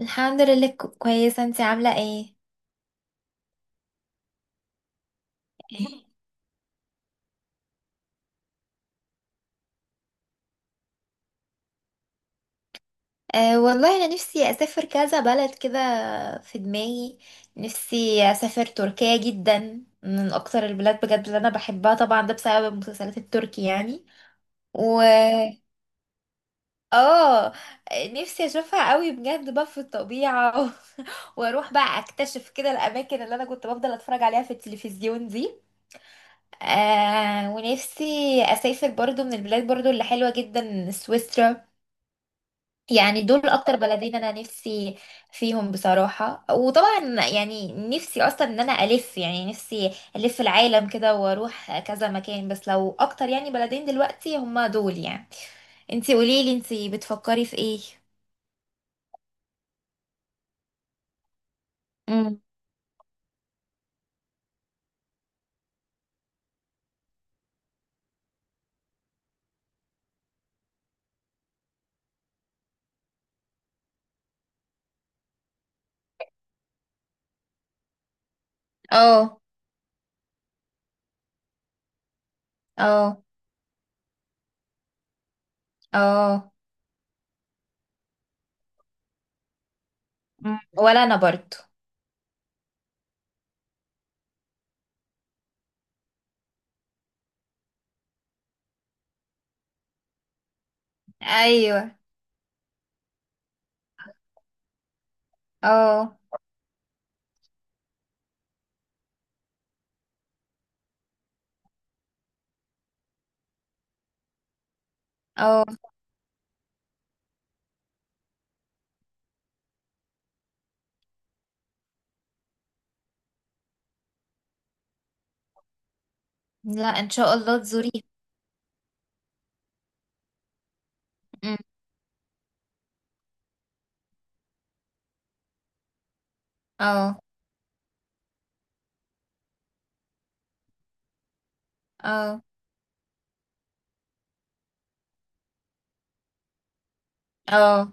الحمد لله، كويسة. انتي عاملة ايه؟ أه والله انا نفسي اسافر كذا بلد كده في دماغي. نفسي اسافر تركيا، جدا من اكتر البلاد بجد اللي انا بحبها، طبعا ده بسبب المسلسلات التركي يعني. و اه نفسي اشوفها قوي بجد بقى في الطبيعة واروح بقى اكتشف كده الاماكن اللي انا كنت بفضل اتفرج عليها في التلفزيون دي. ونفسي اسافر برضو من البلاد برضو اللي حلوة جدا سويسرا. يعني دول اكتر بلدين انا نفسي فيهم بصراحة، وطبعا يعني نفسي اصلا ان انا الف، يعني نفسي الف العالم كده واروح كذا مكان. بس لو اكتر يعني بلدين دلوقتي هما دول يعني. انتي قوليلي، انتي بتفكري في ايه؟ مم. اه. اه. اه. مم. ولا انا برضو. ايوه. اه. اه. لا، ان شاء الله تزوري. أم. اه. اه. اه.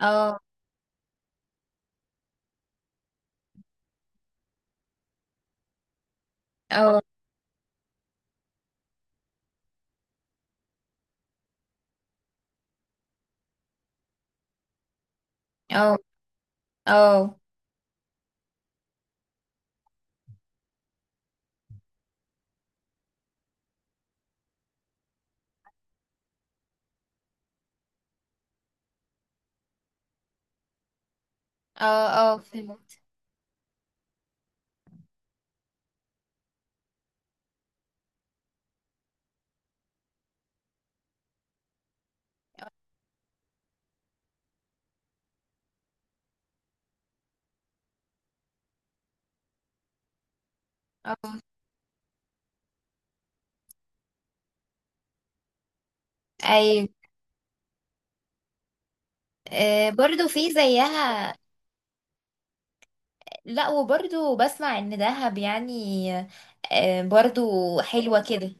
اه. اه. اه. اه. اه. اه. اه. فهمت. اي، برضو في زيها. لا، وبرضو بسمع ان دهب يعني. آه، برضو حلوة كده.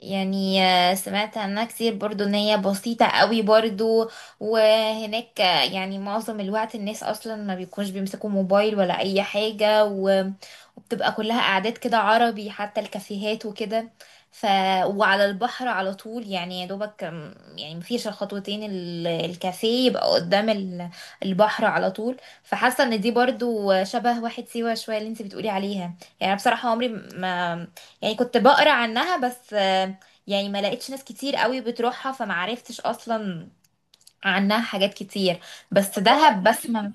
يعني سمعت عنها كتير برضو ان هي بسيطة قوي برضو. وهناك يعني معظم الوقت الناس اصلا ما بيكونش بيمسكوا موبايل ولا اي حاجة وبتبقى كلها قعدات كده عربي، حتى الكافيهات وكده. ف وعلى البحر على طول يعني، يا دوبك يعني مفيش الخطوتين الكافيه يبقى قدام البحر على طول. فحاسة ان دي برضو شبه واحد سيوة شوية اللي انت بتقولي عليها. يعني أنا بصراحة عمري ما، يعني كنت بقرا عنها بس، يعني ما لقيتش ناس كتير قوي بتروحها، فما عرفتش اصلا عنها حاجات كتير. بس دهب بسمع.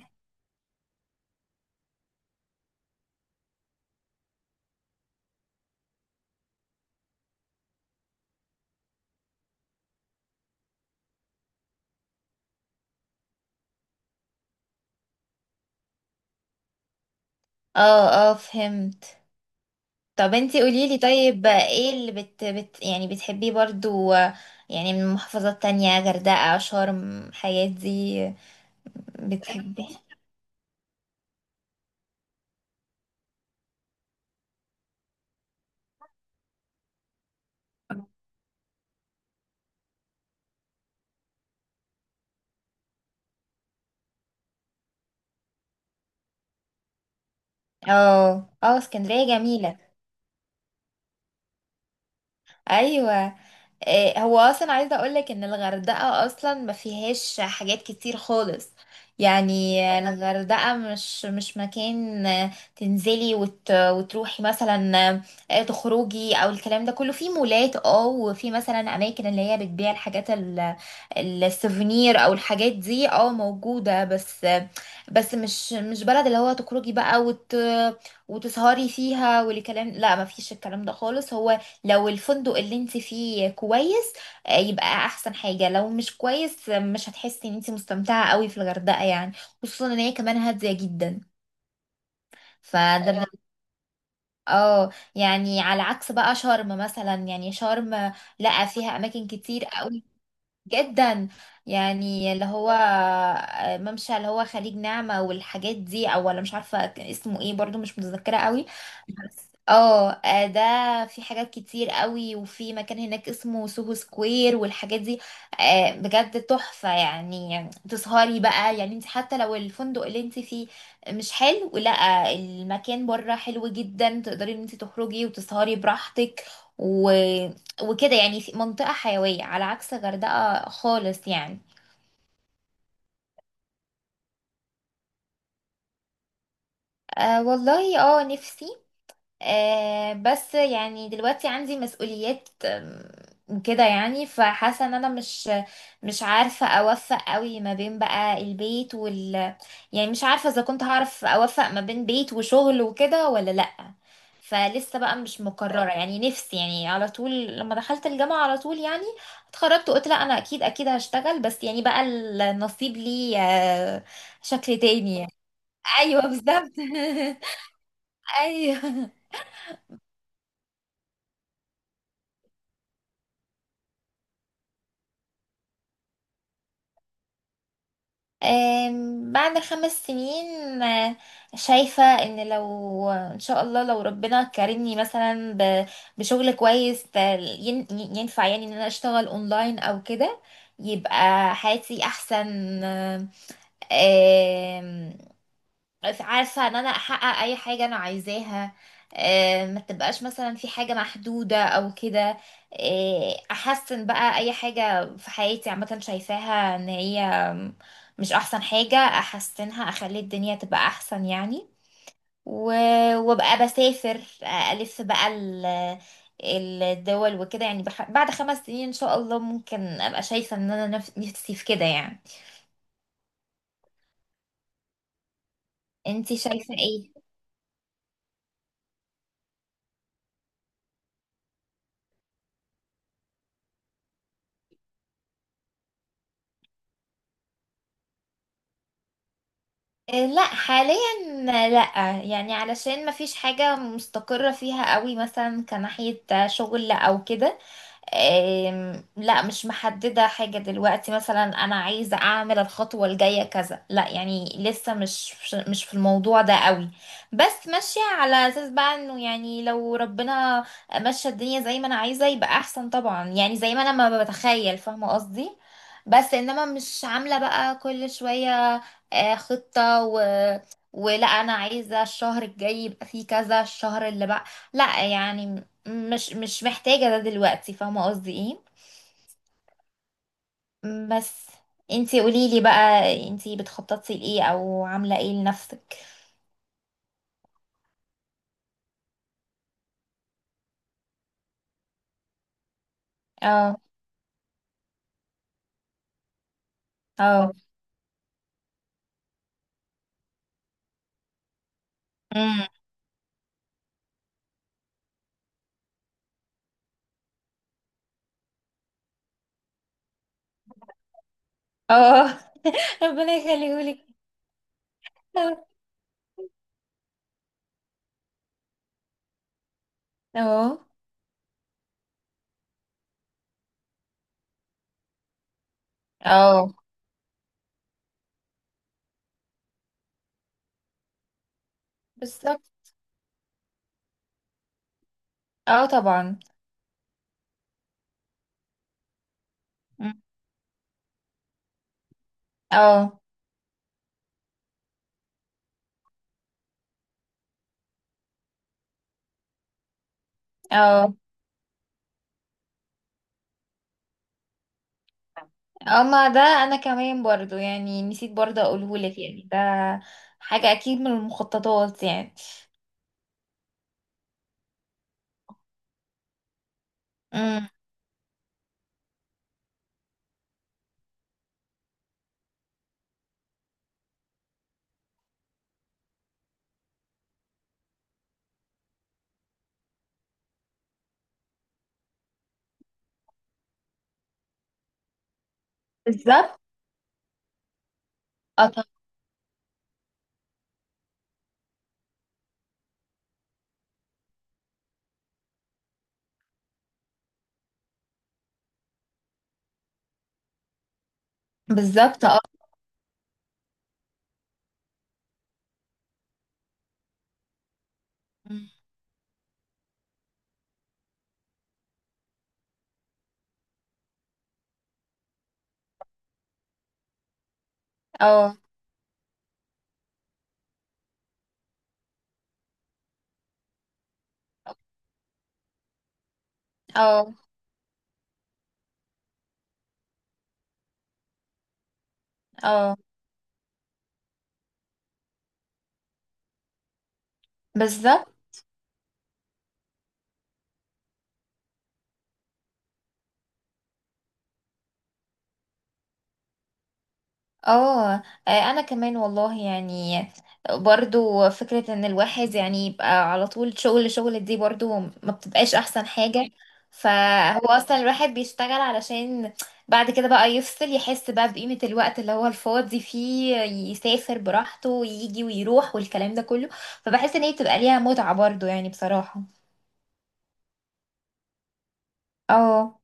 اه. اه. فهمت. طب انتي قوليلي، طيب ايه اللي بت, بت يعني بتحبيه برضو، يعني من محافظات تانية، غردقة شرم الحاجات دي؟ بتحبي. اه. اه. اسكندرية جميلة. ايوه. إيه، هو اصلا عايزه اقولك ان الغردقه اصلا ما فيهاش حاجات كتير خالص. يعني الغردقه مش مكان تنزلي وتروحي مثلا، تخرجي او الكلام ده كله. في مولات وفي مثلا اماكن اللي هي بتبيع الحاجات السوفينير او الحاجات دي موجوده بس. بس مش بلد اللي هو تخرجي بقى وتسهري فيها والكلام. لا، ما فيش الكلام ده خالص. هو لو الفندق اللي انت فيه كويس يبقى احسن حاجة. لو مش كويس مش هتحسي ان انت مستمتعة قوي في الغردقة يعني. خصوصا ان هي كمان هادية جدا. فده يعني على عكس بقى شرم. مثلا يعني شرم لقى فيها اماكن كتير قوي جدا. يعني اللي هو ممشى اللي هو خليج نعمة والحاجات دي، او ولا مش عارفة كان اسمه ايه برضو، مش متذكرة قوي. بس ده في حاجات كتير قوي، وفي مكان هناك اسمه سوهو سكوير والحاجات دي بجد تحفة، يعني تسهري بقى يعني انت حتى لو الفندق اللي انت فيه مش حلو. لا، المكان بره حلو جدا، تقدري ان انت تخرجي وتسهري براحتك وكده، يعني في منطقة حيوية على عكس غردقة خالص يعني. أه والله، نفسي. بس يعني دلوقتي عندي مسؤوليات كده يعني. فحاسه ان انا مش عارفه اوفق قوي ما بين بقى البيت. يعني مش عارفه اذا كنت هعرف اوفق ما بين بيت وشغل وكده ولا لا. فلسه بقى مش مقرره يعني. نفسي يعني على طول لما دخلت الجامعه على طول يعني اتخرجت وقلت لا، انا اكيد اكيد هشتغل، بس يعني بقى النصيب لي شكل تاني يعني. ايوه، بالظبط. ايوه. بعد 5 سنين، آه، شايفة ان لو ان شاء الله لو ربنا كرمني مثلا بشغل كويس، ينفع يعني ان انا اشتغل اونلاين او كده، يبقى حياتي احسن. آم، عارفة ان انا احقق اي حاجة انا عايزاها، ما تبقاش مثلا في حاجة محدودة او كده، احسن بقى اي حاجة في حياتي عامة شايفاها ان هي مش احسن حاجة، احسنها اخلي الدنيا تبقى احسن يعني. وابقى بسافر الف بقى الدول وكده يعني. بعد 5 سنين ان شاء الله ممكن ابقى شايفة ان انا نفسي في كده يعني. انتي شايفة ايه؟ إيه، لا حاليا. لا يعني علشان ما فيش حاجة مستقرة فيها قوي، مثلا كناحية شغل او كده. إيه، لا مش محددة حاجة دلوقتي، مثلا انا عايزة اعمل الخطوة الجاية كذا، لا يعني لسه مش في الموضوع ده قوي. بس ماشية على اساس بقى انه يعني لو ربنا مشى الدنيا زي ما انا عايزة يبقى احسن طبعا، يعني زي ما انا ما بتخيل فاهمة قصدي. بس انما مش عاملة بقى كل شوية خطة، ولا انا عايزه الشهر الجاي يبقى فيه كذا الشهر اللي بقى. لا يعني مش محتاجه ده دلوقتي، فاهمه قصدي ايه؟ بس انتي قوليلي بقى، انتي بتخططي لايه او عامله ايه لنفسك؟ اه. اه. امم. اه. ربنا يخليهولك. اه. اه. اه. بالظبط. اه طبعا. مم. اه. اه. اما ده انا كمان برضو يعني، نسيت برضو اقولهولك يعني ده حاجه اكيد من المخططات يعني. امم. بالظبط. اه طبعا. بالظبط. اه. مم. اه. اه. اه. بالظبط. اه. آه، انا كمان والله يعني، برضو فكرة ان الواحد يعني يبقى على طول شغل شغل، دي برضو ما بتبقاش احسن حاجة. فهو اصلا الواحد بيشتغل علشان بعد كده بقى يفصل، يحس بقى بقيمة الوقت اللي هو الفاضي فيه، يسافر براحته ويجي ويروح والكلام ده كله. فبحس ان هي بتبقى ليها متعة برضو يعني بصراحة. اه،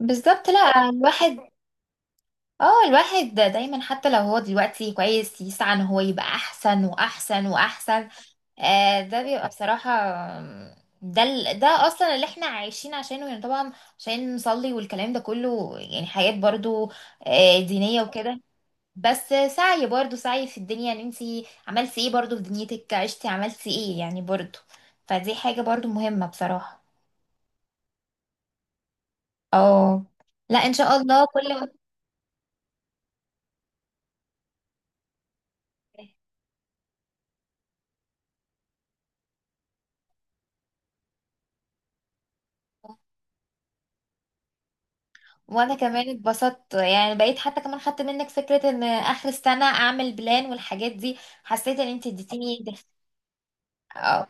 بالظبط. لا، الواحد اه الواحد دايما حتى لو هو دلوقتي كويس، يسعى ان هو يبقى احسن واحسن واحسن. ده بيبقى بصراحة، آم، ده اصلا اللي احنا عايشين عشانه يعني طبعا، عشان نصلي والكلام ده كله، يعني حاجات برضو دينية وكده. بس سعي برضو سعي في الدنيا، ان انتي عملتي ايه برضو في دنيتك، عشتي عملتي ايه يعني برضو. فدي حاجة برضو مهمة بصراحة. اه. لا ان شاء الله كل. وانا كمان اتبسطت يعني، بقيت حتى كمان خدت منك فكرة ان اخر السنة اعمل بلان والحاجات دي، حسيت ان انت اديتيني ده. اه.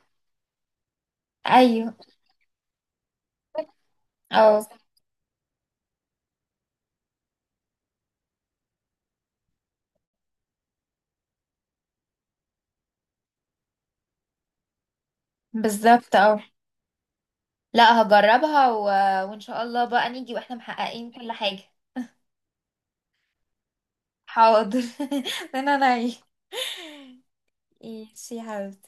ايوه. اه. بالظبط. اه. لا هجربها وان شاء الله بقى نيجي واحنا محققين كل حاجة. حاضر. انا نايم. ماشي يا حبيبتي.